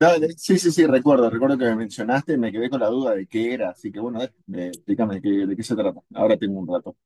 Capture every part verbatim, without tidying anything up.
No, de- sí, sí, sí, recuerdo, recuerdo que me mencionaste y me quedé con la duda de qué era, así que bueno, eh, eh, explícame de qué, de qué se trata. Ahora tengo un rato.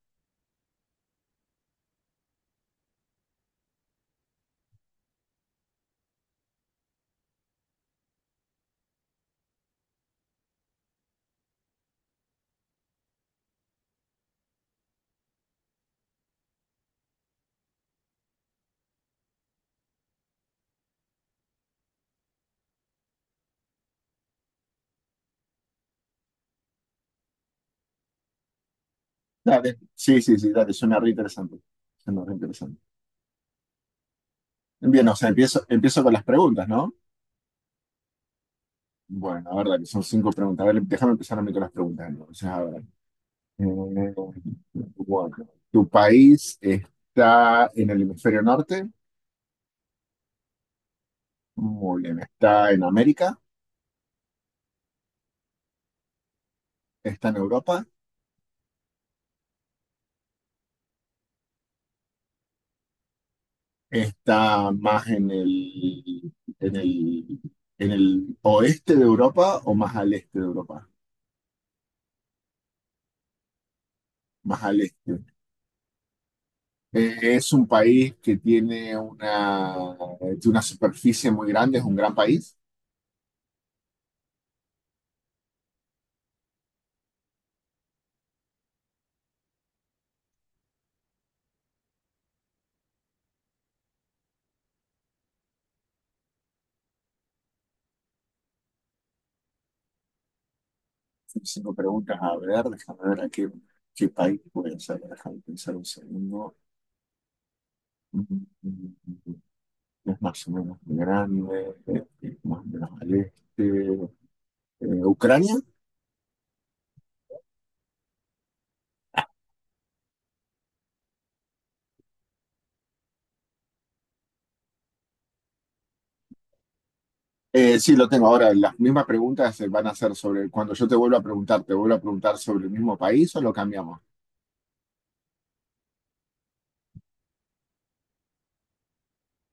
Dale, sí, sí, sí, dale, suena re interesante. Suena re interesante. Bien, o sea, empiezo, empiezo con las preguntas, ¿no? Bueno, a ver, dale, son cinco preguntas. A ver, déjame empezar a mí con las preguntas. Entonces, a ver. Eh, bueno, ¿tu país está en el hemisferio norte? Muy bien, ¿está en América? ¿Está en Europa? Está más en el, en el, ¿en el oeste de Europa o más al este de Europa? Más al este. Eh, es un país que tiene una, tiene una superficie muy grande, es un gran país. Cinco preguntas, a ver, déjame ver a qué, qué país puede ser, déjame pensar un segundo. Mm, mm, mm, mm, mm. Es más o menos grande, es más o menos al este. Eh, ¿Ucrania? Eh, sí, lo tengo. Ahora, las mismas preguntas se van a hacer sobre, cuando yo te vuelva a preguntar, ¿te vuelvo a preguntar sobre el mismo país o lo cambiamos?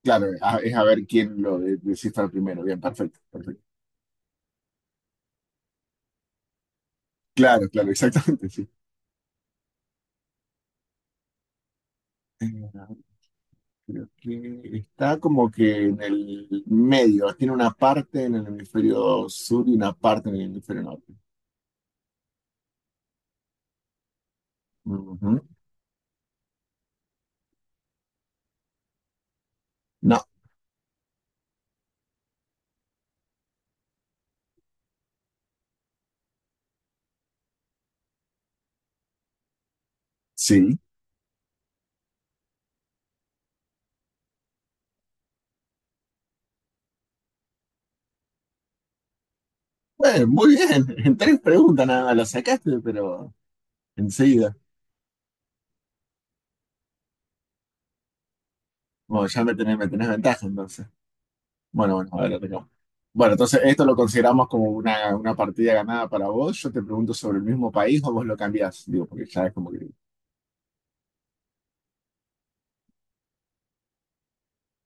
Claro, a- es a ver quién lo de- descifra primero. Bien, perfecto, perfecto. Claro, claro, exactamente, sí. Eh, creo que está como que en el medio. Tiene una parte en el hemisferio sur y una parte en el hemisferio norte. Ujú. No, sí. Bueno, muy bien. En tres preguntas nada más la sacaste, pero enseguida. Bueno, ya me tenés, me tenés ventaja entonces. Bueno, bueno, ahora ver, bueno, entonces esto lo consideramos como una, una partida ganada para vos. Yo te pregunto sobre el mismo país o vos lo cambiás. Digo, porque ya es como que.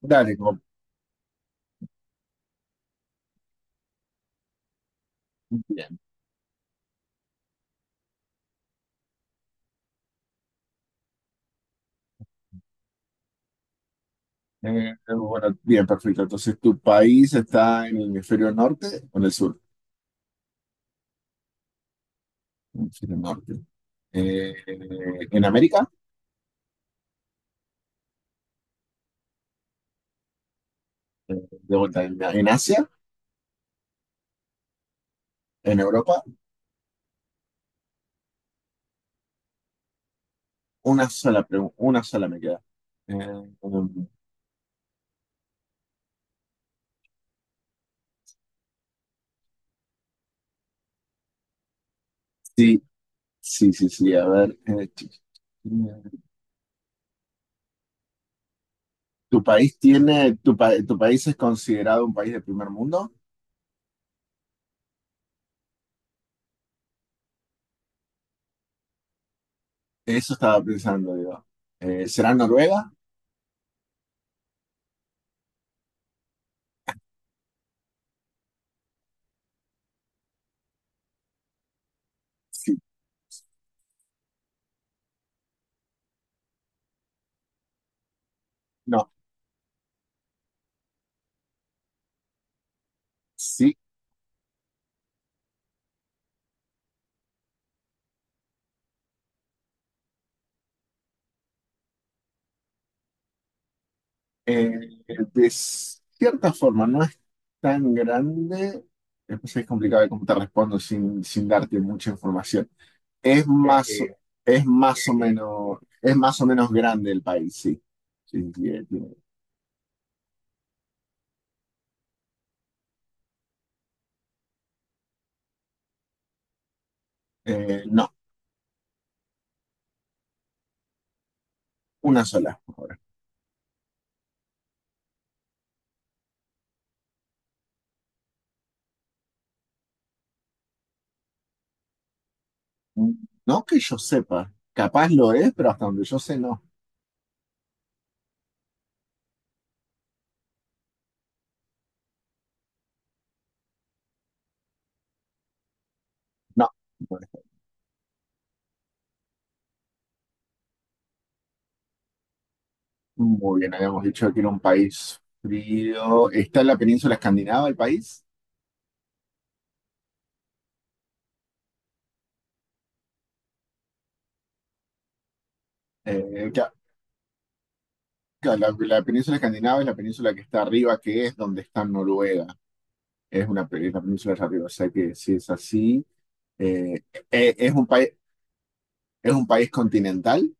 Dale, como. Bien. Eh, eh, bueno, bien, perfecto. Entonces, ¿tu país está en el hemisferio norte o en el sur? Hemisferio norte. Eh, ¿en América? Eh, De vuelta, ¿en, ¿en Asia? ¿En Europa? Una sola pregunta, una sola me queda. Eh, um, sí, sí, sí, sí. A ver. Eh, ¿Tu país tiene, tu, pa- tu país es considerado un país de primer mundo? Eso estaba pensando yo. Eh, ¿será Noruega? Sí. No, sí. Eh, de cierta forma, no es tan grande. Eh, pues es complicado de cómo te respondo sin, sin darte mucha información. Es más, eh, es más o menos, es más o menos grande el país, sí. Sí, sí, eh, tiene- eh, no, una sola. Por ahora. No que yo sepa. Capaz lo es, pero hasta donde yo sé, no. No, no. Muy bien, habíamos dicho que era un país frío. Está en la península escandinava el país. Eh, ca- ca- la, la península escandinava es la península que está arriba, que es donde está Noruega. Es una pe- es la península de arriba. O sea que si es así, eh, eh, ¿es un país, es un país continental?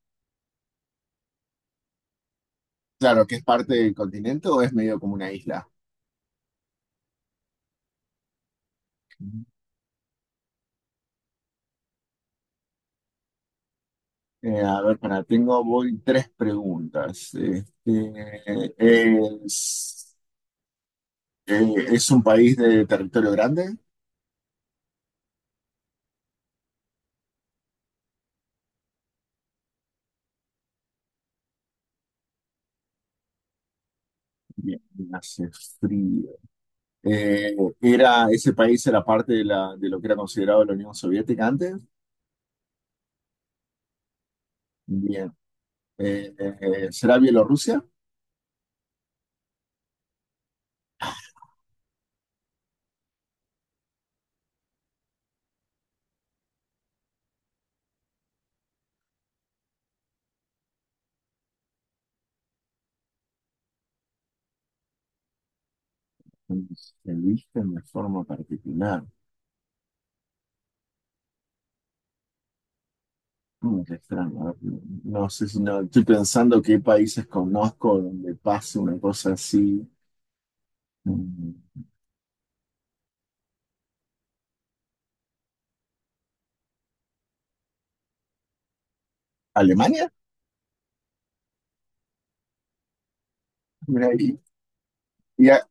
Claro, que es parte del continente o es medio como una isla. Eh, a ver, para, tengo voy tres preguntas. Este, eh, ¿es, eh, ¿es un país de territorio grande? Bien, hace frío. Eh, era, ese país era parte de, la, de lo que era considerado la Unión Soviética antes. Bien. Eh, eh, ¿será Bielorrusia? Bueno, se viste de forma particular. Mm, qué extraño. A ver, no no sé si no, estoy pensando qué países conozco donde pase una cosa así. Mm, ¿Alemania? Mira ahí. Y a-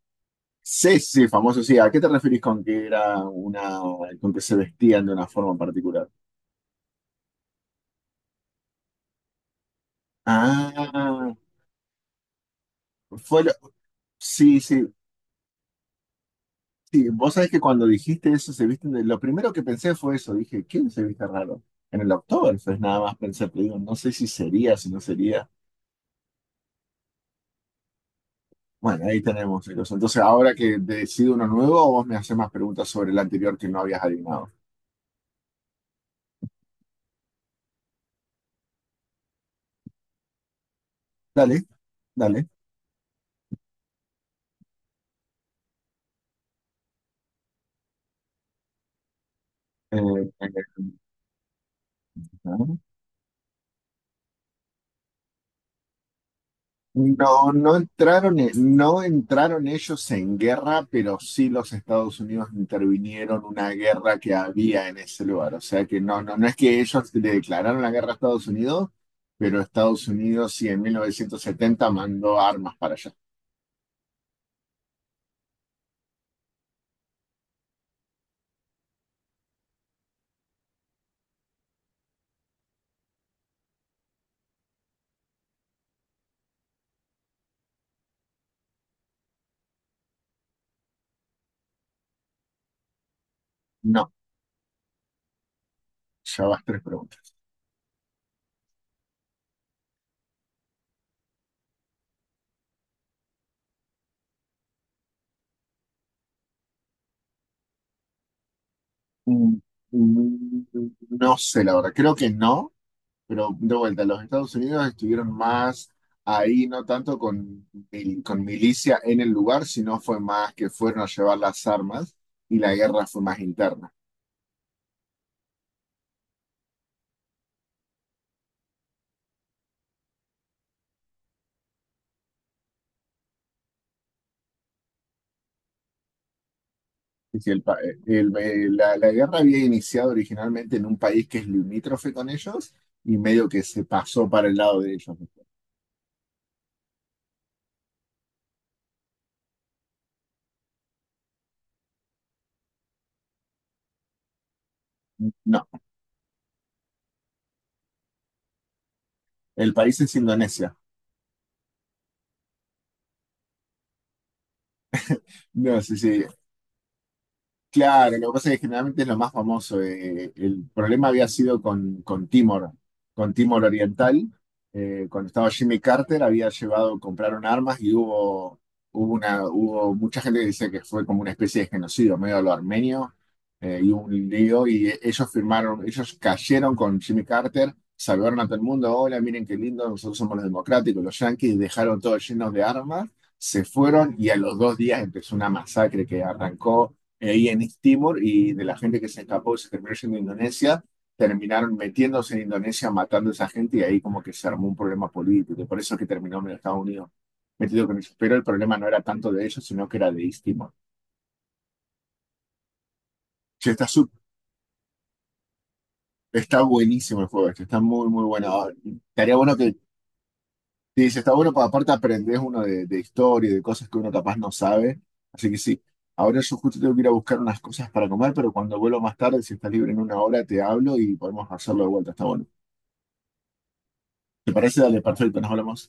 sí, sí, famoso, sí. ¿A qué te referís con que era una, con que se vestían de una forma particular? Ah, fue, Sí, sí, sí. Vos sabés que cuando dijiste eso, se visten de... Lo primero que pensé fue eso. Dije, ¿quién se viste raro? En el Oktoberfest nada más pensé, pero digo, no sé si sería, si no sería. Bueno, ahí tenemos, chicos. Entonces, ahora que decido uno nuevo, vos me haces más preguntas sobre el anterior que no habías adivinado. Dale, dale. Eh, eh, eh, ¿no? No, no entraron, e- no entraron ellos en guerra, pero sí los Estados Unidos intervinieron una guerra que había en ese lugar. O sea que no, no, no es que ellos le declararon la guerra a Estados Unidos, pero Estados Unidos sí en mil novecientos setenta mandó armas para allá. No, ya vas tres preguntas. Mm, mm, No sé, la verdad, creo que no. Pero de vuelta, los Estados Unidos estuvieron más ahí, no tanto con, mil- con milicia en el lugar, sino fue más que fueron a llevar las armas y la guerra fue más interna. Es decir, el pa- el- el- la, la guerra había iniciado originalmente en un país que es limítrofe con ellos y medio que se pasó para el lado de ellos. No, el país es Indonesia. No, sí, sí, claro, lo que pasa es que generalmente es lo más famoso. Eh, el problema había sido con, con Timor, con Timor Oriental. Eh, cuando estaba Jimmy Carter había llevado, compraron armas y hubo, hubo, una, hubo mucha gente que dice que fue como una especie de genocidio, medio a lo armenio, eh, y hubo un lío y ellos firmaron, ellos cayeron con Jimmy Carter, saludaron a todo el mundo, hola, miren qué lindo, nosotros somos los democráticos, los yanquis, dejaron todo lleno de armas, se fueron y a los dos días empezó una masacre que arrancó ahí en East Timor y de la gente que se escapó y se terminó yendo a Indonesia, terminaron metiéndose en Indonesia, matando a esa gente y ahí como que se armó un problema político. Y por eso es que terminó en Estados Unidos metido con ellos. Pero el problema no era tanto de ellos, sino que era de East Timor. Che, está, sup- está buenísimo el juego, este, está muy, muy bueno. Ah, estaría bueno que, sí, sí, está bueno, porque aparte aprendés uno de, de historia y de cosas que uno capaz no sabe. Así que sí. Ahora yo justo tengo que ir a buscar unas cosas para comer, pero cuando vuelvo más tarde, si estás libre en una hora, te hablo y podemos hacerlo de vuelta. Está bueno. ¿Te parece? Dale, perfecto, nos hablamos.